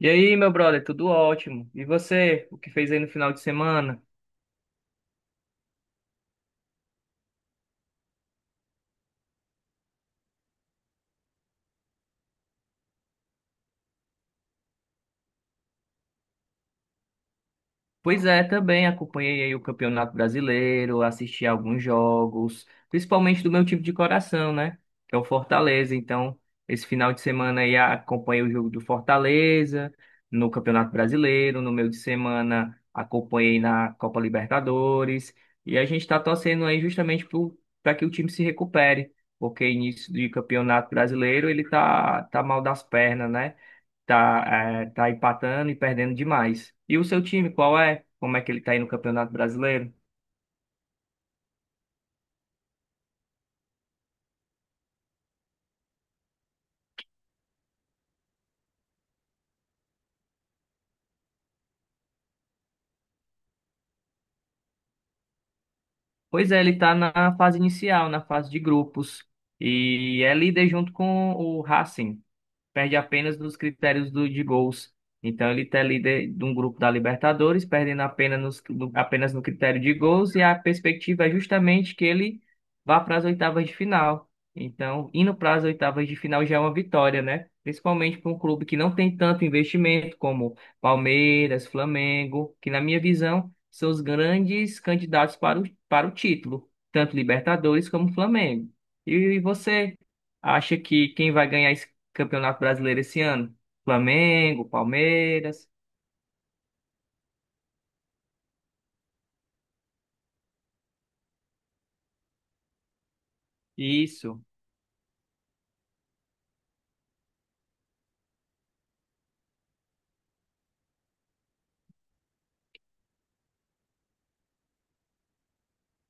E aí, meu brother, tudo ótimo. E você, o que fez aí no final de semana? Pois é, também acompanhei aí o Campeonato Brasileiro, assisti alguns jogos, principalmente do meu time de coração, né? Que é o Fortaleza. Então, esse final de semana aí acompanhei o jogo do Fortaleza no Campeonato Brasileiro, no meio de semana acompanhei na Copa Libertadores, e a gente está torcendo aí justamente para que o time se recupere. Porque início de campeonato brasileiro ele tá mal das pernas, né? Tá empatando e perdendo demais. E o seu time, qual é? Como é que ele tá aí no Campeonato Brasileiro? Pois é, ele tá na fase inicial, na fase de grupos. E é líder junto com o Racing. Perde apenas nos critérios de gols. Então ele está líder de um grupo da Libertadores, perdendo apenas no critério de gols, e a perspectiva é justamente que ele vá para as oitavas de final. Então, indo para as oitavas de final já é uma vitória, né? Principalmente para um clube que não tem tanto investimento como Palmeiras, Flamengo, que na minha visão são os grandes candidatos para o título, tanto Libertadores como Flamengo. E você acha que quem vai ganhar esse Campeonato Brasileiro esse ano. Flamengo, Palmeiras. Isso.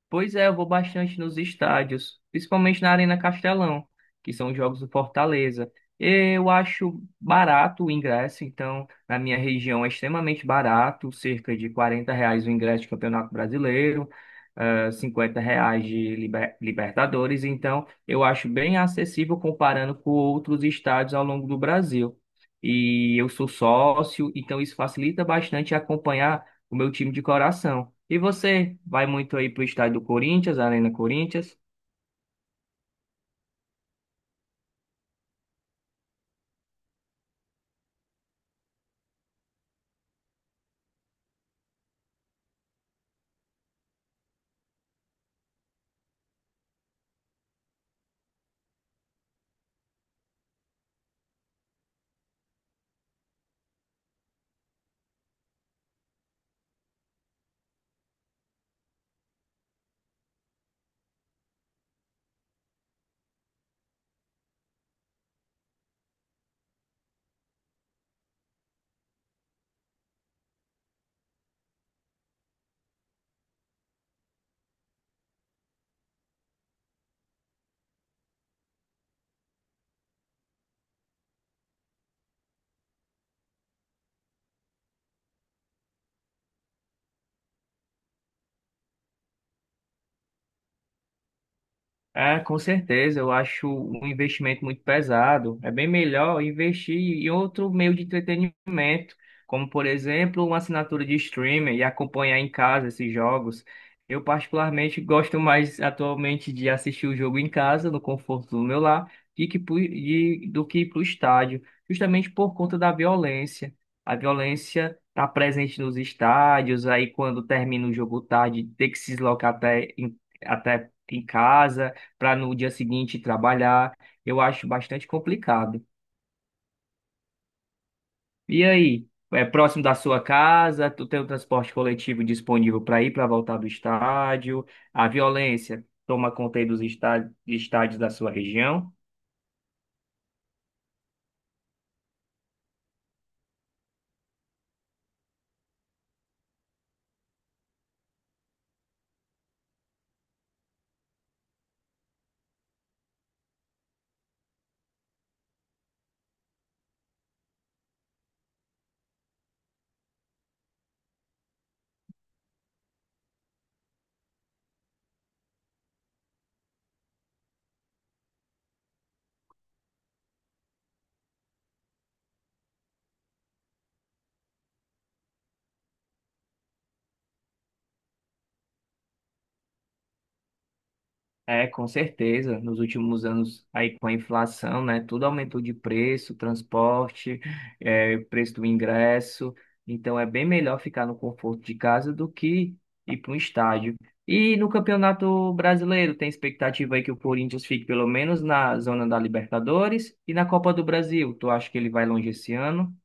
Pois é, eu vou bastante nos estádios, principalmente na Arena Castelão, que são os jogos do Fortaleza. Eu acho barato o ingresso, então na minha região é extremamente barato, cerca de R$ 40 o ingresso de Campeonato Brasileiro, R$ 50 de Libertadores, então eu acho bem acessível comparando com outros estádios ao longo do Brasil. E eu sou sócio, então isso facilita bastante acompanhar o meu time de coração. E você vai muito aí pro estádio do Corinthians, Arena Corinthians? É, com certeza, eu acho um investimento muito pesado. É bem melhor investir em outro meio de entretenimento, como por exemplo, uma assinatura de streaming e acompanhar em casa esses jogos. Eu particularmente gosto mais atualmente de assistir o jogo em casa, no conforto do meu lar, e do que ir para o estádio, justamente por conta da violência. A violência está presente nos estádios, aí quando termina o jogo tarde, tem que se deslocar até em casa para no dia seguinte trabalhar. Eu acho bastante complicado. E aí, é próximo da sua casa? Tu tem o transporte coletivo disponível para ir para voltar do estádio? A violência toma conta aí dos estádios, estádios da sua região? É, com certeza. Nos últimos anos, aí com a inflação, né, tudo aumentou de preço, transporte, é, preço do ingresso. Então, é bem melhor ficar no conforto de casa do que ir para um estádio. E no Campeonato Brasileiro, tem expectativa aí que o Corinthians fique pelo menos na zona da Libertadores e na Copa do Brasil. Tu acha que ele vai longe esse ano?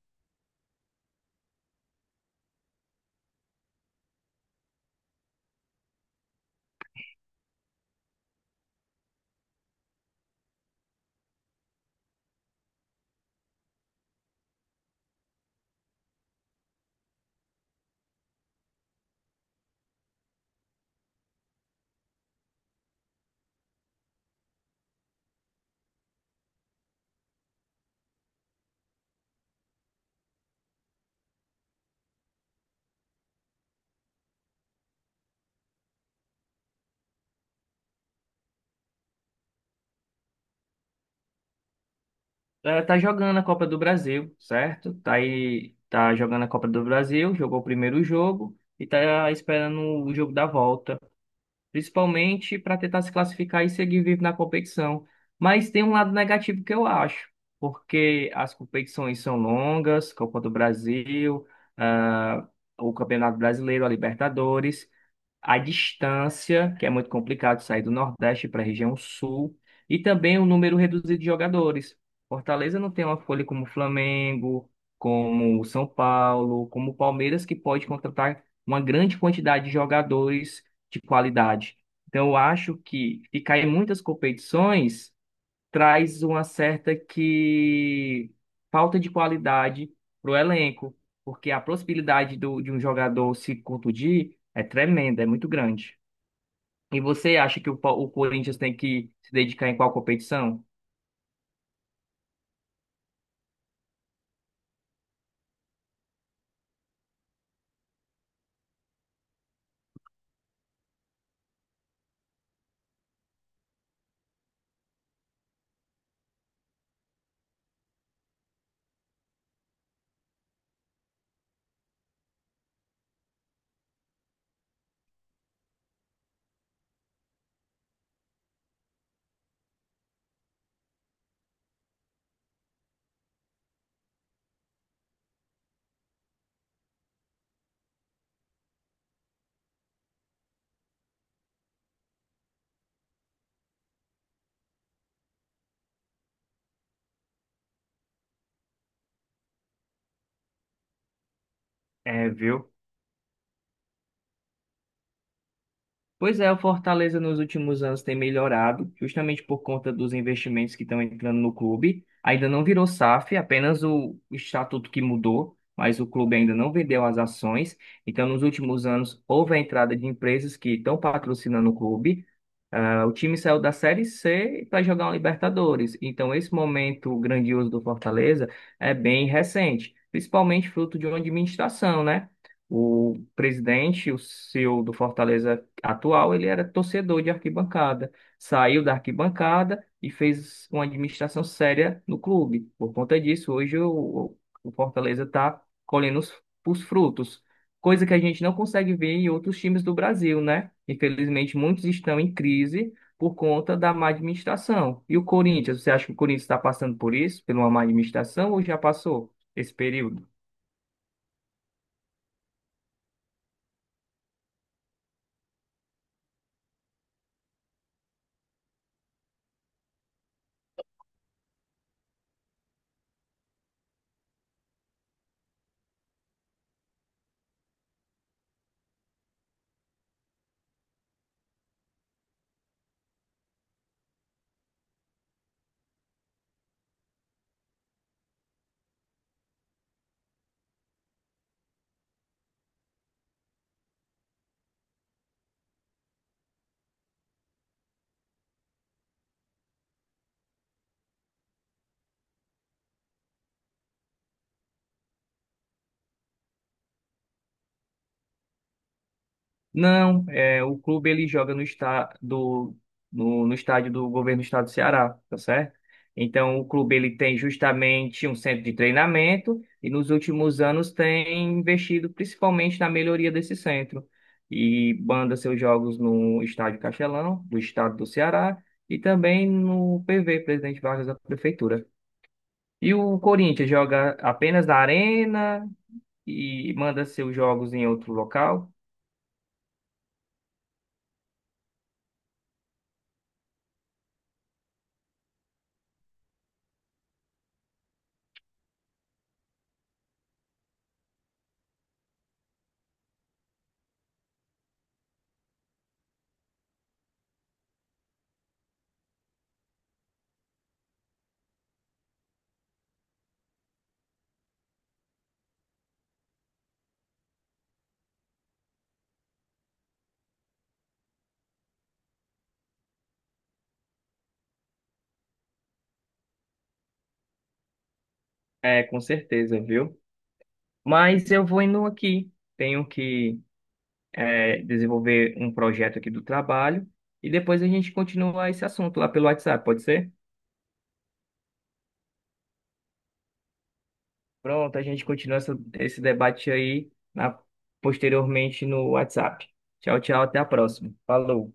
Ela tá jogando a Copa do Brasil, certo? Tá aí, tá jogando a Copa do Brasil, jogou o primeiro jogo e tá esperando o jogo da volta, principalmente para tentar se classificar e seguir vivo na competição. Mas tem um lado negativo que eu acho, porque as competições são longas, Copa do Brasil, ah, o Campeonato Brasileiro, a Libertadores, a distância, que é muito complicado sair do Nordeste para a região Sul, e também o número reduzido de jogadores. Fortaleza não tem uma folha como o Flamengo, como o São Paulo, como o Palmeiras, que pode contratar uma grande quantidade de jogadores de qualidade. Então, eu acho que ficar em muitas competições traz uma certa que falta de qualidade para o elenco, porque a possibilidade do, de um jogador se contundir é tremenda, é muito grande. E você acha que o Corinthians tem que se dedicar em qual competição? É, viu? Pois é, o Fortaleza nos últimos anos tem melhorado, justamente por conta dos investimentos que estão entrando no clube. Ainda não virou SAF, apenas o estatuto que mudou, mas o clube ainda não vendeu as ações. Então, nos últimos anos, houve a entrada de empresas que estão patrocinando o clube. Ah, o time saiu da Série C para jogar uma Libertadores. Então, esse momento grandioso do Fortaleza é bem recente, principalmente fruto de uma administração, né? O presidente, o CEO do Fortaleza atual, ele era torcedor de arquibancada, saiu da arquibancada e fez uma administração séria no clube. Por conta disso, hoje o Fortaleza está colhendo os frutos, coisa que a gente não consegue ver em outros times do Brasil, né? Infelizmente, muitos estão em crise por conta da má administração. E o Corinthians, você acha que o Corinthians está passando por isso, pela uma má administração, ou já passou esse período? Não, é, o clube ele joga no estádio do governo do estado do Ceará, tá certo? Então, o clube ele tem justamente um centro de treinamento e nos últimos anos tem investido principalmente na melhoria desse centro e banda seus jogos no estádio Castelão, do estado do Ceará, e também no PV, Presidente Vargas da Prefeitura. E o Corinthians joga apenas na arena e manda seus jogos em outro local? É, com certeza, viu? Mas eu vou indo aqui. Tenho que desenvolver um projeto aqui do trabalho e depois a gente continua esse assunto lá pelo WhatsApp, pode ser? Pronto, a gente continua esse debate posteriormente no WhatsApp. Tchau, tchau, até a próxima. Falou.